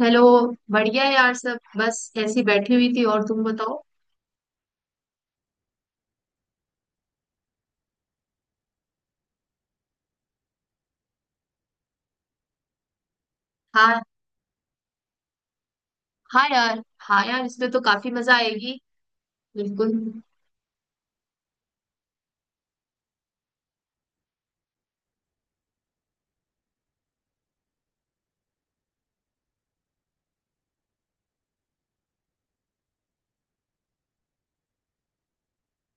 Hello. बढ़िया है यार सब, बस ऐसी बैठी हुई थी। और तुम बताओ? हाँ। हाँ यार। हाँ यार, इसमें तो काफी मजा आएगी। बिल्कुल।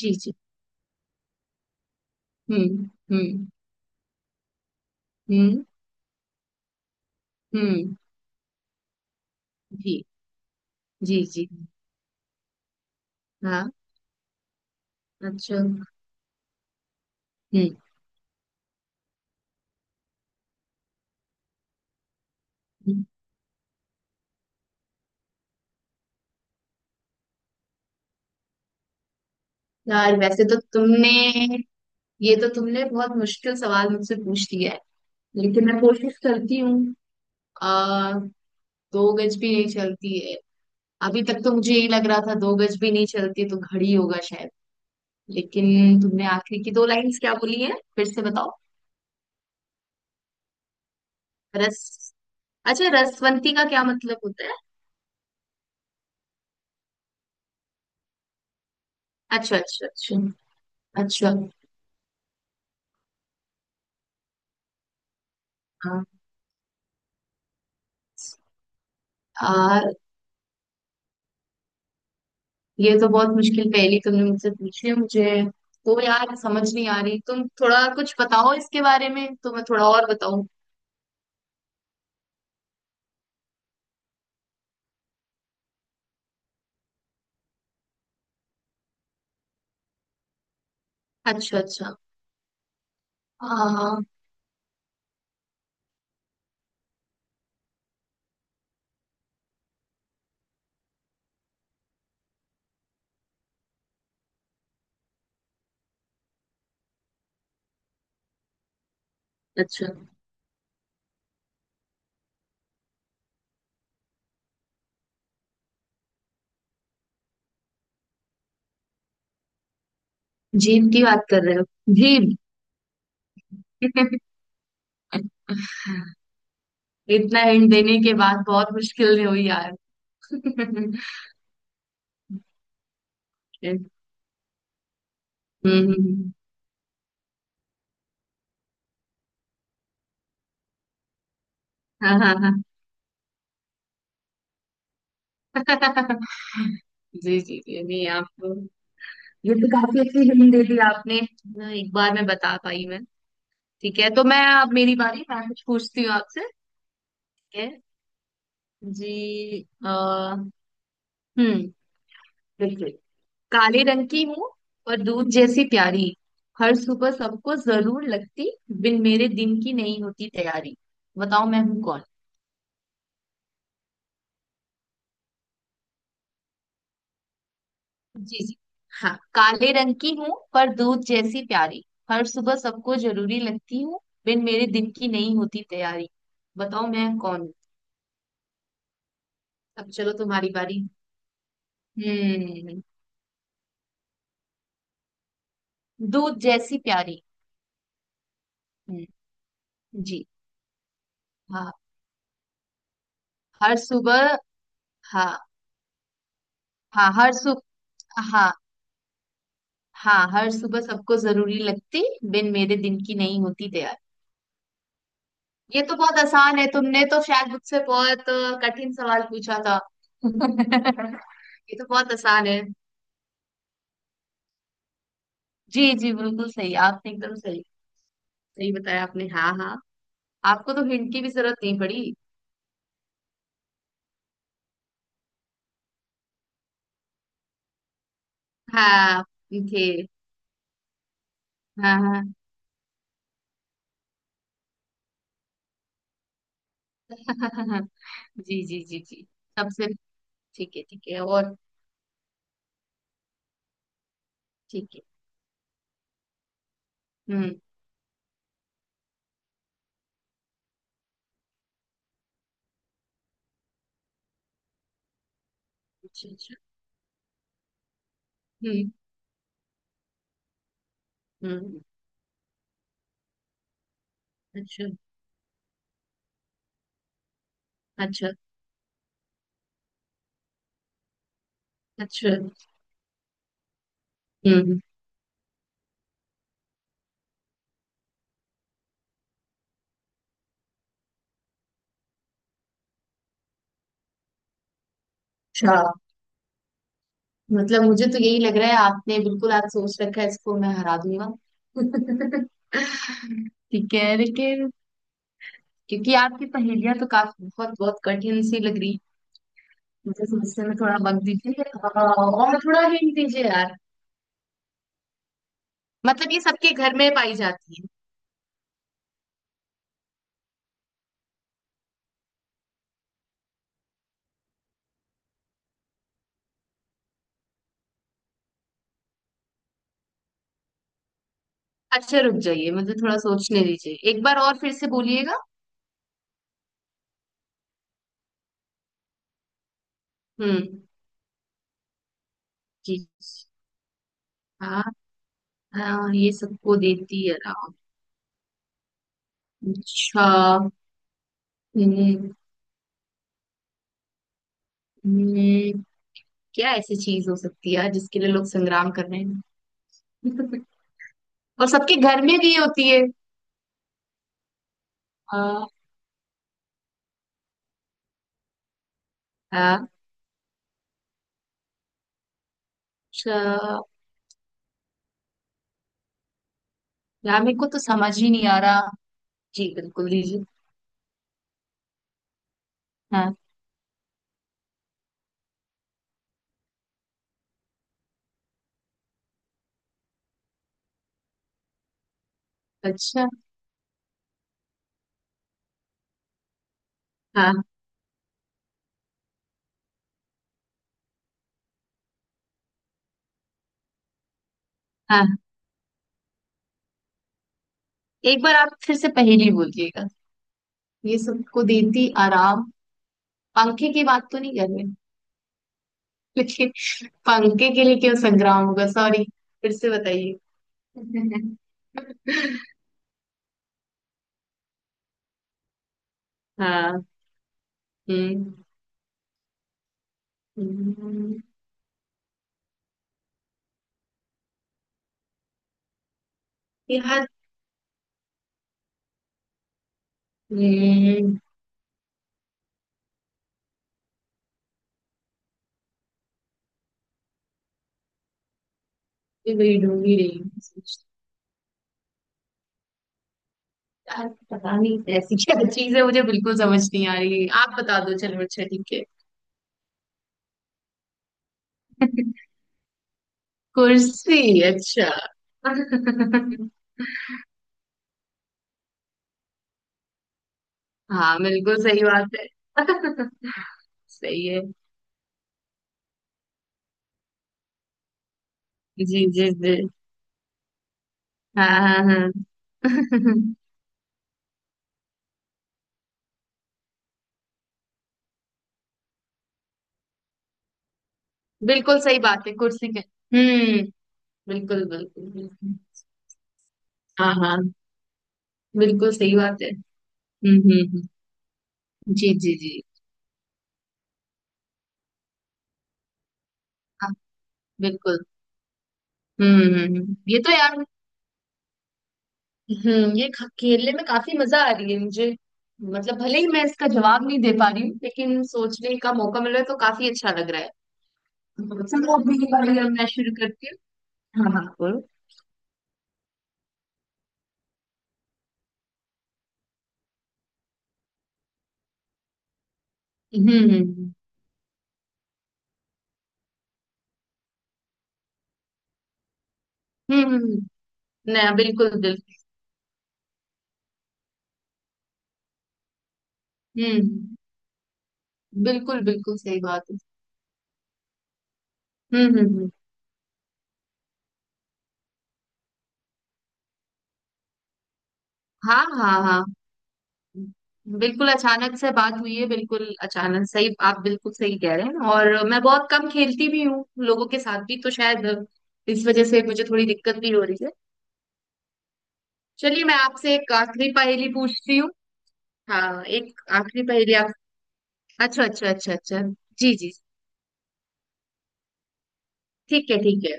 जी जी। हम्म। हम्म। हम्म। हम्म। जी जी जी। हाँ। अच्छा। हम्म। हम्म। यार, वैसे तो तुमने, ये तो तुमने बहुत मुश्किल सवाल मुझसे पूछ लिया है, लेकिन मैं कोशिश करती हूँ। आ दो गज भी नहीं चलती है। अभी तक तो मुझे यही लग रहा था, दो गज भी नहीं चलती तो घड़ी होगा शायद। लेकिन तुमने आखिरी की दो लाइंस क्या बोली है? फिर से बताओ। रस, अच्छा, रसवंती का क्या मतलब होता है? अच्छा अच्छा अच्छा। अच्छा। हाँ। आ, ये तो बहुत मुश्किल पहेली तुमने मुझसे पूछी है। मुझे तो यार समझ नहीं आ रही, तुम थोड़ा कुछ बताओ इसके बारे में तो मैं थोड़ा और बताऊं। अच्छा अच्छा। आ, अच्छा। जीभ की बात कर रहे हो? जीभ। इतना हिंट देने के बाद बहुत मुश्किल हुई यार। हम्म। हम्म। हाँ हाँ हाँ। जी जी जी, नहीं आप, ये तो काफी अच्छी हिंट दे दी आपने, एक बार में बता पाई मैं। ठीक है, तो मैं अब, मेरी बारी, मैं कुछ पूछती हूँ आपसे। ठीक है। जी। हम्म। बिल्कुल। काले रंग की हूँ और दूध जैसी प्यारी। हर सुबह सबको जरूर लगती, बिन मेरे दिन की नहीं होती तैयारी। बताओ मैं हूँ? जी जी। हाँ, काले रंग की हूँ पर दूध जैसी प्यारी। हर सुबह सबको जरूरी लगती हूँ, बिन मेरे दिन की नहीं होती तैयारी। बताओ मैं कौन हूँ? अब चलो तुम्हारी बारी। हम्म। दूध जैसी प्यारी। हम्म। जी। हाँ। हर सुबह। हाँ। हाँ हर सु हाँ, हाँ, हर सुबह सबको जरूरी लगती, बिन मेरे दिन की नहीं होती तैयारी। ये तो बहुत आसान है। तुमने तो शायद मुझसे बहुत कठिन सवाल पूछा था। ये तो बहुत आसान है। जी जी, बिल्कुल सही आपने, एकदम सही। सही बताया आपने, हाँ हाँ। आपको तो हिंट की भी जरूरत नहीं पड़ी। हाँ। थे। हाँ हाँ। जी जी जी जी। सबसे। ठीक है ठीक है। और ठीक है। हम्म। अच्छा अच्छा। हम्म हम्म। अच्छा अच्छा अच्छा। हम्म। अच्छा। मतलब मुझे तो यही लग रहा है, आपने बिल्कुल आज सोच रखा है इसको मैं हरा दूंगा। ठीक है, लेकिन, क्योंकि आपकी पहेलियां तो काफी बहुत बहुत कठिन सी लग रही, मुझे समस्या में थोड़ा वक्त दीजिए और थोड़ा हिंट दीजिए यार। मतलब ये सबके घर में पाई जाती है? अच्छा रुक जाइए, मुझे थोड़ा सोचने दीजिए, एक बार और फिर से बोलिएगा। हम्म। कीच- हाँ। हाँ, ये सबको देती है राम। अच्छा। हम्म, हम्म, क्या ऐसी चीज हो सकती है यार जिसके लिए लोग संग्राम कर रहे हैं? और सबके घर में भी होती है? हाँ, हाँ, अच्छा। यार मेरे को तो समझ ही नहीं आ रहा। जी बिल्कुल दीजिए। हाँ। अच्छा। हाँ हाँ। एक बार आप फिर से पहेली बोलिएगा। ये सबको देती आराम। पंखे की बात तो नहीं कर रहे? लेकिन पंखे के लिए क्यों संग्राम होगा? सॉरी, फिर से बताइए। हाँ। हम्म। हम्म, यार। हम्म, ये वही ढूंढ ही रही हूँ सोच- यार पता नहीं ऐसी क्या चीज है, मुझे बिल्कुल समझ नहीं आ रही। आप बता दो, चलो अच्छा ठीक है। कुर्सी, अच्छा। हाँ बिल्कुल सही बात है। सही है। जी जी जी। हाँ हाँ हाँ। बिल्कुल सही बात है कुर्सी के। हम्म। बिल्कुल बिल्कुल बिल्कुल। हाँ हाँ, बिल्कुल सही बात है। हम्म हम्म हम्म, जी जी जी। हाँ। बिल्कुल। ये तो यार, हम्म, ये खेलने में काफी मजा आ रही है मुझे। मतलब भले ही मैं इसका जवाब नहीं दे पा रही हूँ, लेकिन सोचने का मौका मिल रहा है तो काफी अच्छा लग रहा है। चलो, अभी अभी अब मैं शुरू करती हूँ। हाँ हाँ बोलो। हम्म हम्म हम्म हम्म, हम्म, हम्म। नया, बिल्कुल बिल्कुल। हम्म। हम्म। बिल्कुल बिल्कुल सही बात है। हम्म। हाँ हाँ हाँ, बिल्कुल अचानक से बात हुई है, बिल्कुल अचानक। सही, आप बिल्कुल सही कह रहे हैं, और मैं बहुत कम खेलती भी हूँ लोगों के साथ भी, तो शायद इस वजह से मुझे थोड़ी दिक्कत भी हो रही है। चलिए मैं आपसे एक आखिरी पहेली पूछती हूँ। हाँ, एक आखिरी पहेली आप। अच्छा अच्छा अच्छा अच्छा। जी जी। ठीक है ठीक है।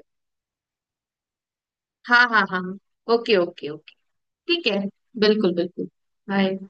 हाँ हाँ हाँ हाँ। Okay okay okay. ठीक है। बिल्कुल बिल्कुल। बाय।